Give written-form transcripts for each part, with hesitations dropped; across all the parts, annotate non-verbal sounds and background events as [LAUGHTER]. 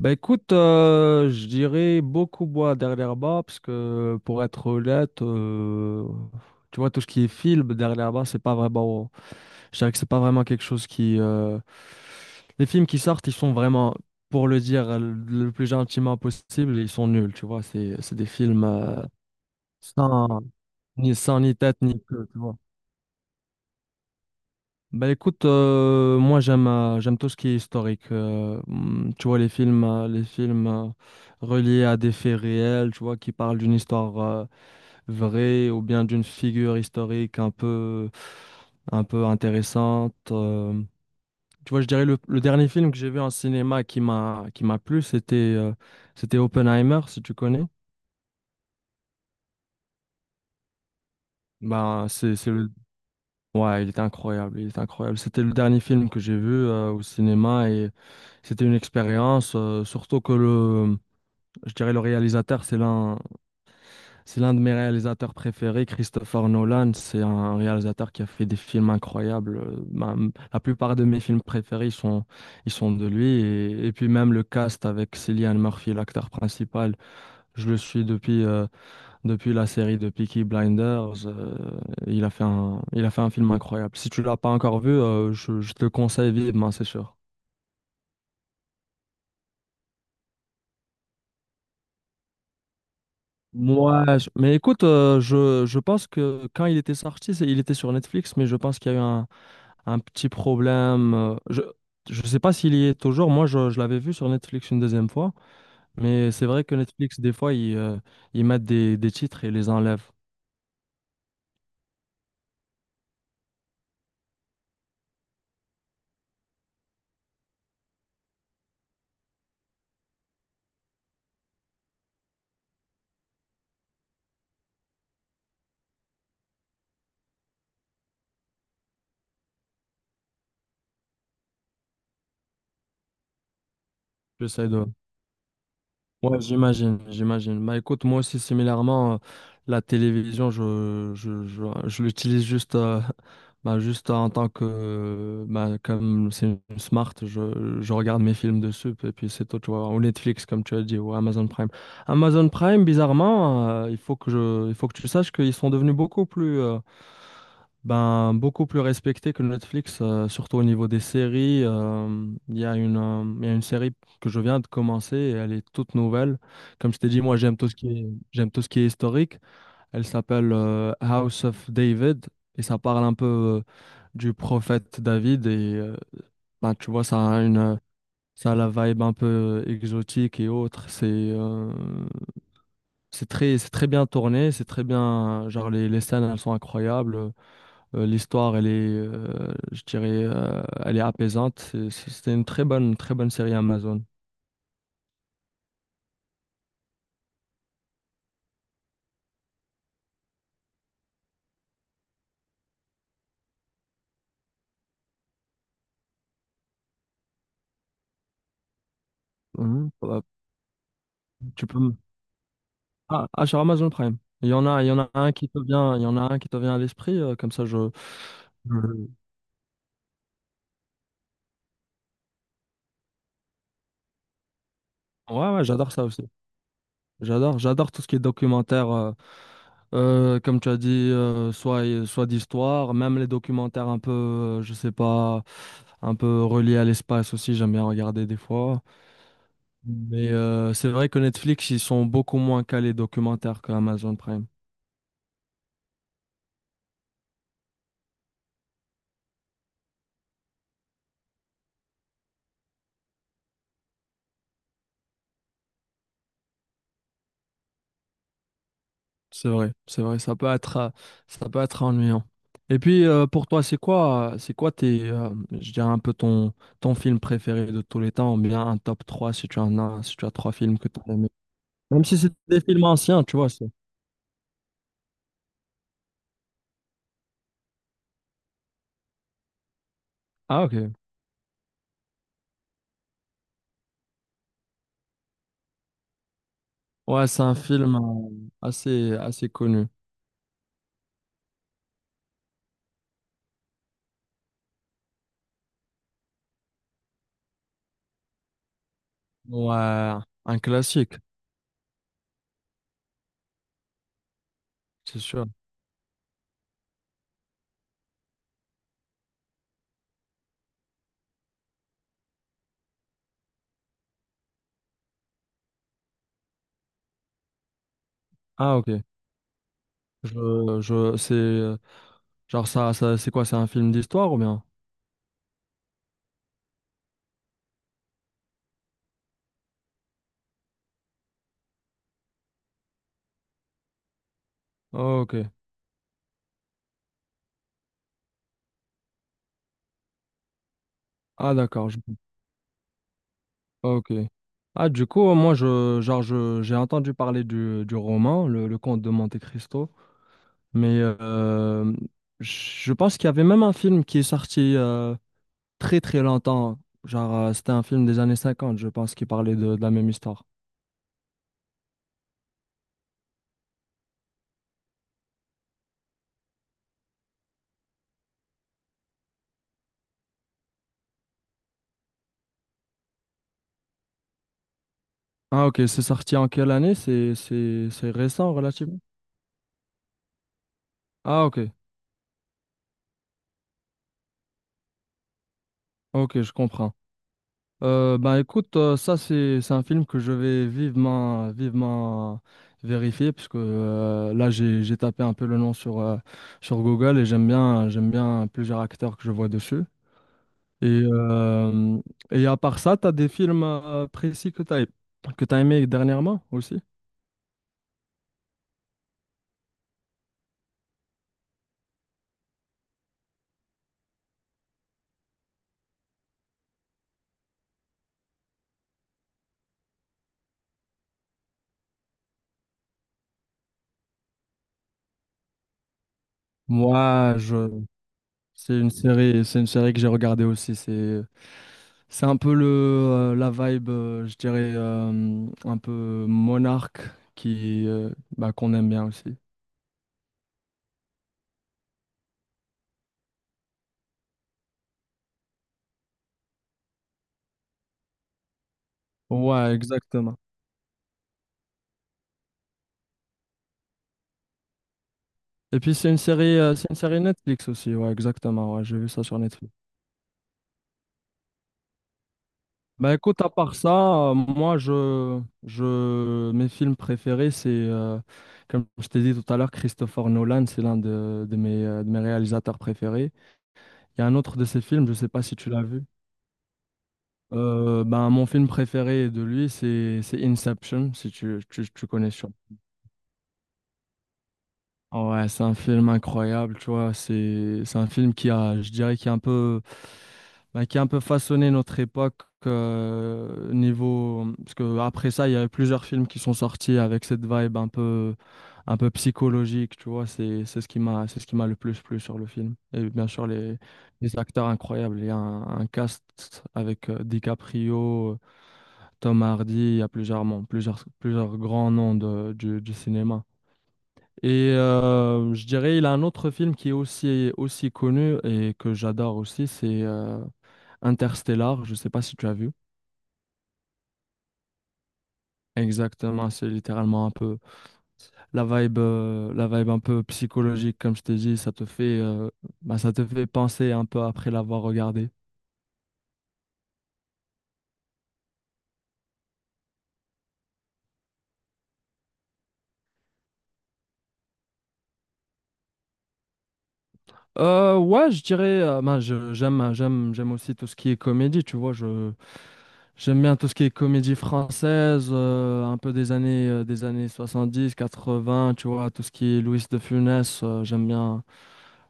Bah écoute, je dirais beaucoup boire dernièrement, parce que pour être honnête, tu vois, tout ce qui est film dernièrement, c'est pas vraiment. Je dirais que c'est pas vraiment quelque chose qui. Les films qui sortent, ils sont vraiment, pour le dire le plus gentiment possible, ils sont nuls, tu vois. C'est des films sans, sans ni tête ni queue, tu vois. Bah écoute, moi j'aime tout ce qui est historique. Tu vois les films reliés à des faits réels, tu vois qui parlent d'une histoire vraie ou bien d'une figure historique un peu intéressante. Tu vois, je dirais le dernier film que j'ai vu en cinéma qui m'a plu, c'était Oppenheimer, si tu connais. Bah c'est le Ouais, il était incroyable, il était incroyable. C'était le dernier film que j'ai vu au cinéma. C'était une expérience, surtout que je dirais le réalisateur, c'est l'un de mes réalisateurs préférés, Christopher Nolan. C'est un réalisateur qui a fait des films incroyables. La plupart de mes films préférés, ils sont de lui. Et puis même le cast avec Cillian Murphy, l'acteur principal, je le suis depuis la série de Peaky Blinders. Il a fait un film incroyable. Si tu l'as pas encore vu, je te le conseille vivement, c'est sûr. Moi, mais écoute, je pense que quand il était sorti, il était sur Netflix, mais je pense qu'il y a eu un petit problème. Je sais pas s'il y est toujours. Moi, je l'avais vu sur Netflix une deuxième fois, mais c'est vrai que Netflix, des fois, ils mettent des titres et les enlèvent. J'essaie de, Ouais, j'imagine, j'imagine. Bah écoute, moi aussi, similairement, la télévision, je l'utilise juste, [LAUGHS] bah, juste en tant que, bah, comme c'est une smart, je regarde mes films dessus, et puis c'est tout, tu vois, ou Netflix, comme tu as dit, ou Amazon Prime. Amazon Prime, bizarrement, il faut que tu saches qu'ils sont devenus beaucoup plus respectés que Netflix, surtout au niveau des séries. Il y a une, il y a une série que je viens de commencer et elle est toute nouvelle. Comme je t'ai dit, moi j'aime tout ce qui est historique. Elle s'appelle House of David et ça parle un peu du prophète David et ben, tu vois, ça a la vibe un peu exotique et autre. C'est très bien tourné, c'est très bien. Genre, les scènes, elles sont incroyables. L'histoire, elle est, je dirais, elle est apaisante. C'était une très bonne série Amazon. Mhm. Tu peux, me- Ah, ah, sur Amazon Prime. Il y en a un qui te vient à l'esprit, comme ça je. je- Ouais, ouais, j'adore ça aussi. J'adore, j'adore tout ce qui est documentaire, comme tu as dit, soit d'histoire, même les documentaires un peu, je sais pas, un peu reliés à l'espace aussi, j'aime bien regarder des fois. Mais c'est vrai que Netflix, ils sont beaucoup moins calés documentaires que Amazon Prime. C'est vrai, ça peut être ennuyant. Et puis pour toi, c'est quoi tes, je dirais un peu ton film préféré de tous les temps, ou bien un top 3 si tu en as, si tu as trois films que tu as aimés. Même si c'est des films anciens, tu vois. Ah, ok. Ouais, c'est un film assez, assez connu. Ouais, un classique, c'est sûr. Ah, ok. Je, je, c'est, euh, genre, c'est quoi, c'est un film d'histoire ou bien? Ok. Ah, d'accord. Ok. Ah, du coup, moi, je, genre, j'ai entendu parler du roman, le Comte de Monte-Cristo, mais je pense qu'il y avait même un film qui est sorti très, très longtemps. Genre, c'était un film des années 50, je pense, qui parlait de la même histoire. Ah, ok, c'est sorti en quelle année? C'est récent, relativement? Ah, ok, ok, je comprends. Ben écoute, ça c'est un film que je vais vivement vivement vérifier puisque là j'ai tapé un peu le nom sur Google et j'aime bien plusieurs acteurs que je vois dessus. Et euh, et à part ça, t'as des films précis que t'as aimé dernièrement aussi? Moi, je C'est une série que j'ai regardée aussi. C'est un peu la vibe, je dirais, un peu monarque qui, bah, qu'on aime bien aussi. Ouais, exactement. Et puis c'est une série Netflix aussi. Ouais, exactement. Ouais, j'ai vu ça sur Netflix. Bah écoute, à part ça, moi, mes films préférés, c'est, comme je t'ai dit tout à l'heure, Christopher Nolan, c'est l'un de mes réalisateurs préférés. Il y a un autre de ses films, je sais pas si tu l'as vu. Ben, mon film préféré de lui, c'est Inception, si tu connais sûrement. Ah, ouais, c'est un film incroyable, tu vois. C'est un film qui a, je dirais, qui a un peu, ben, qui a un peu façonné notre époque niveau. Parce que après ça, il y a eu plusieurs films qui sont sortis avec cette vibe un peu psychologique, tu vois. C'est ce qui m'a le plus plu sur le film. Et bien sûr, les acteurs incroyables. Il y a un cast avec DiCaprio. Tom Hardy, il y a plusieurs grands noms du cinéma. Et je dirais, il a un autre film qui est aussi, aussi connu et que j'adore aussi, c'est Interstellar. Je ne sais pas si tu as vu. Exactement, c'est littéralement un peu la vibe un peu psychologique, comme je t'ai dit, ça te fait penser un peu après l'avoir regardé. Ouais, je dirais, bah, j'aime aussi tout ce qui est comédie, tu vois, je, J'aime bien tout ce qui est comédie française, un peu des années 70, 80, tu vois, tout ce qui est Louis de Funès, j'aime bien,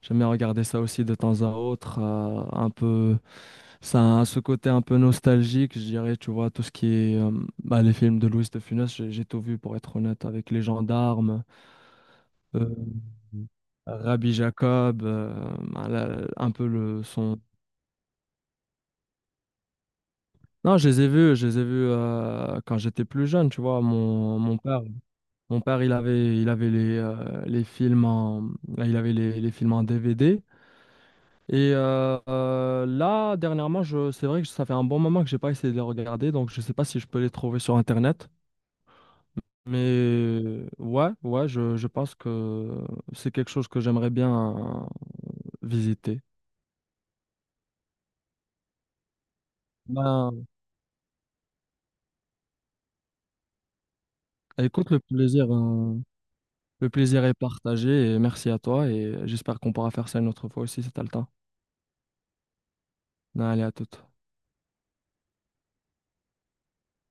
j'aime bien regarder ça aussi de temps à autre, un peu, ça a ce côté un peu nostalgique, je dirais, tu vois, tout ce qui est, bah, les films de Louis de Funès, j'ai tout vu pour être honnête, avec Les Gendarmes, euh, Rabbi Jacob, voilà, un peu le son. Non, je les ai vus, quand j'étais plus jeune, tu vois, mon père. Mon père, il avait les films en, il avait les films en DVD. Et là, dernièrement, c'est vrai que ça fait un bon moment que j'ai pas essayé de les regarder, donc je sais pas si je peux les trouver sur Internet. Mais ouais, ouais, je pense que c'est quelque chose que j'aimerais bien euh, visiter. Ben, écoute, le plaisir est partagé et merci à toi et j'espère qu'on pourra faire ça une autre fois aussi si t'as le temps. Ben, allez, à toute.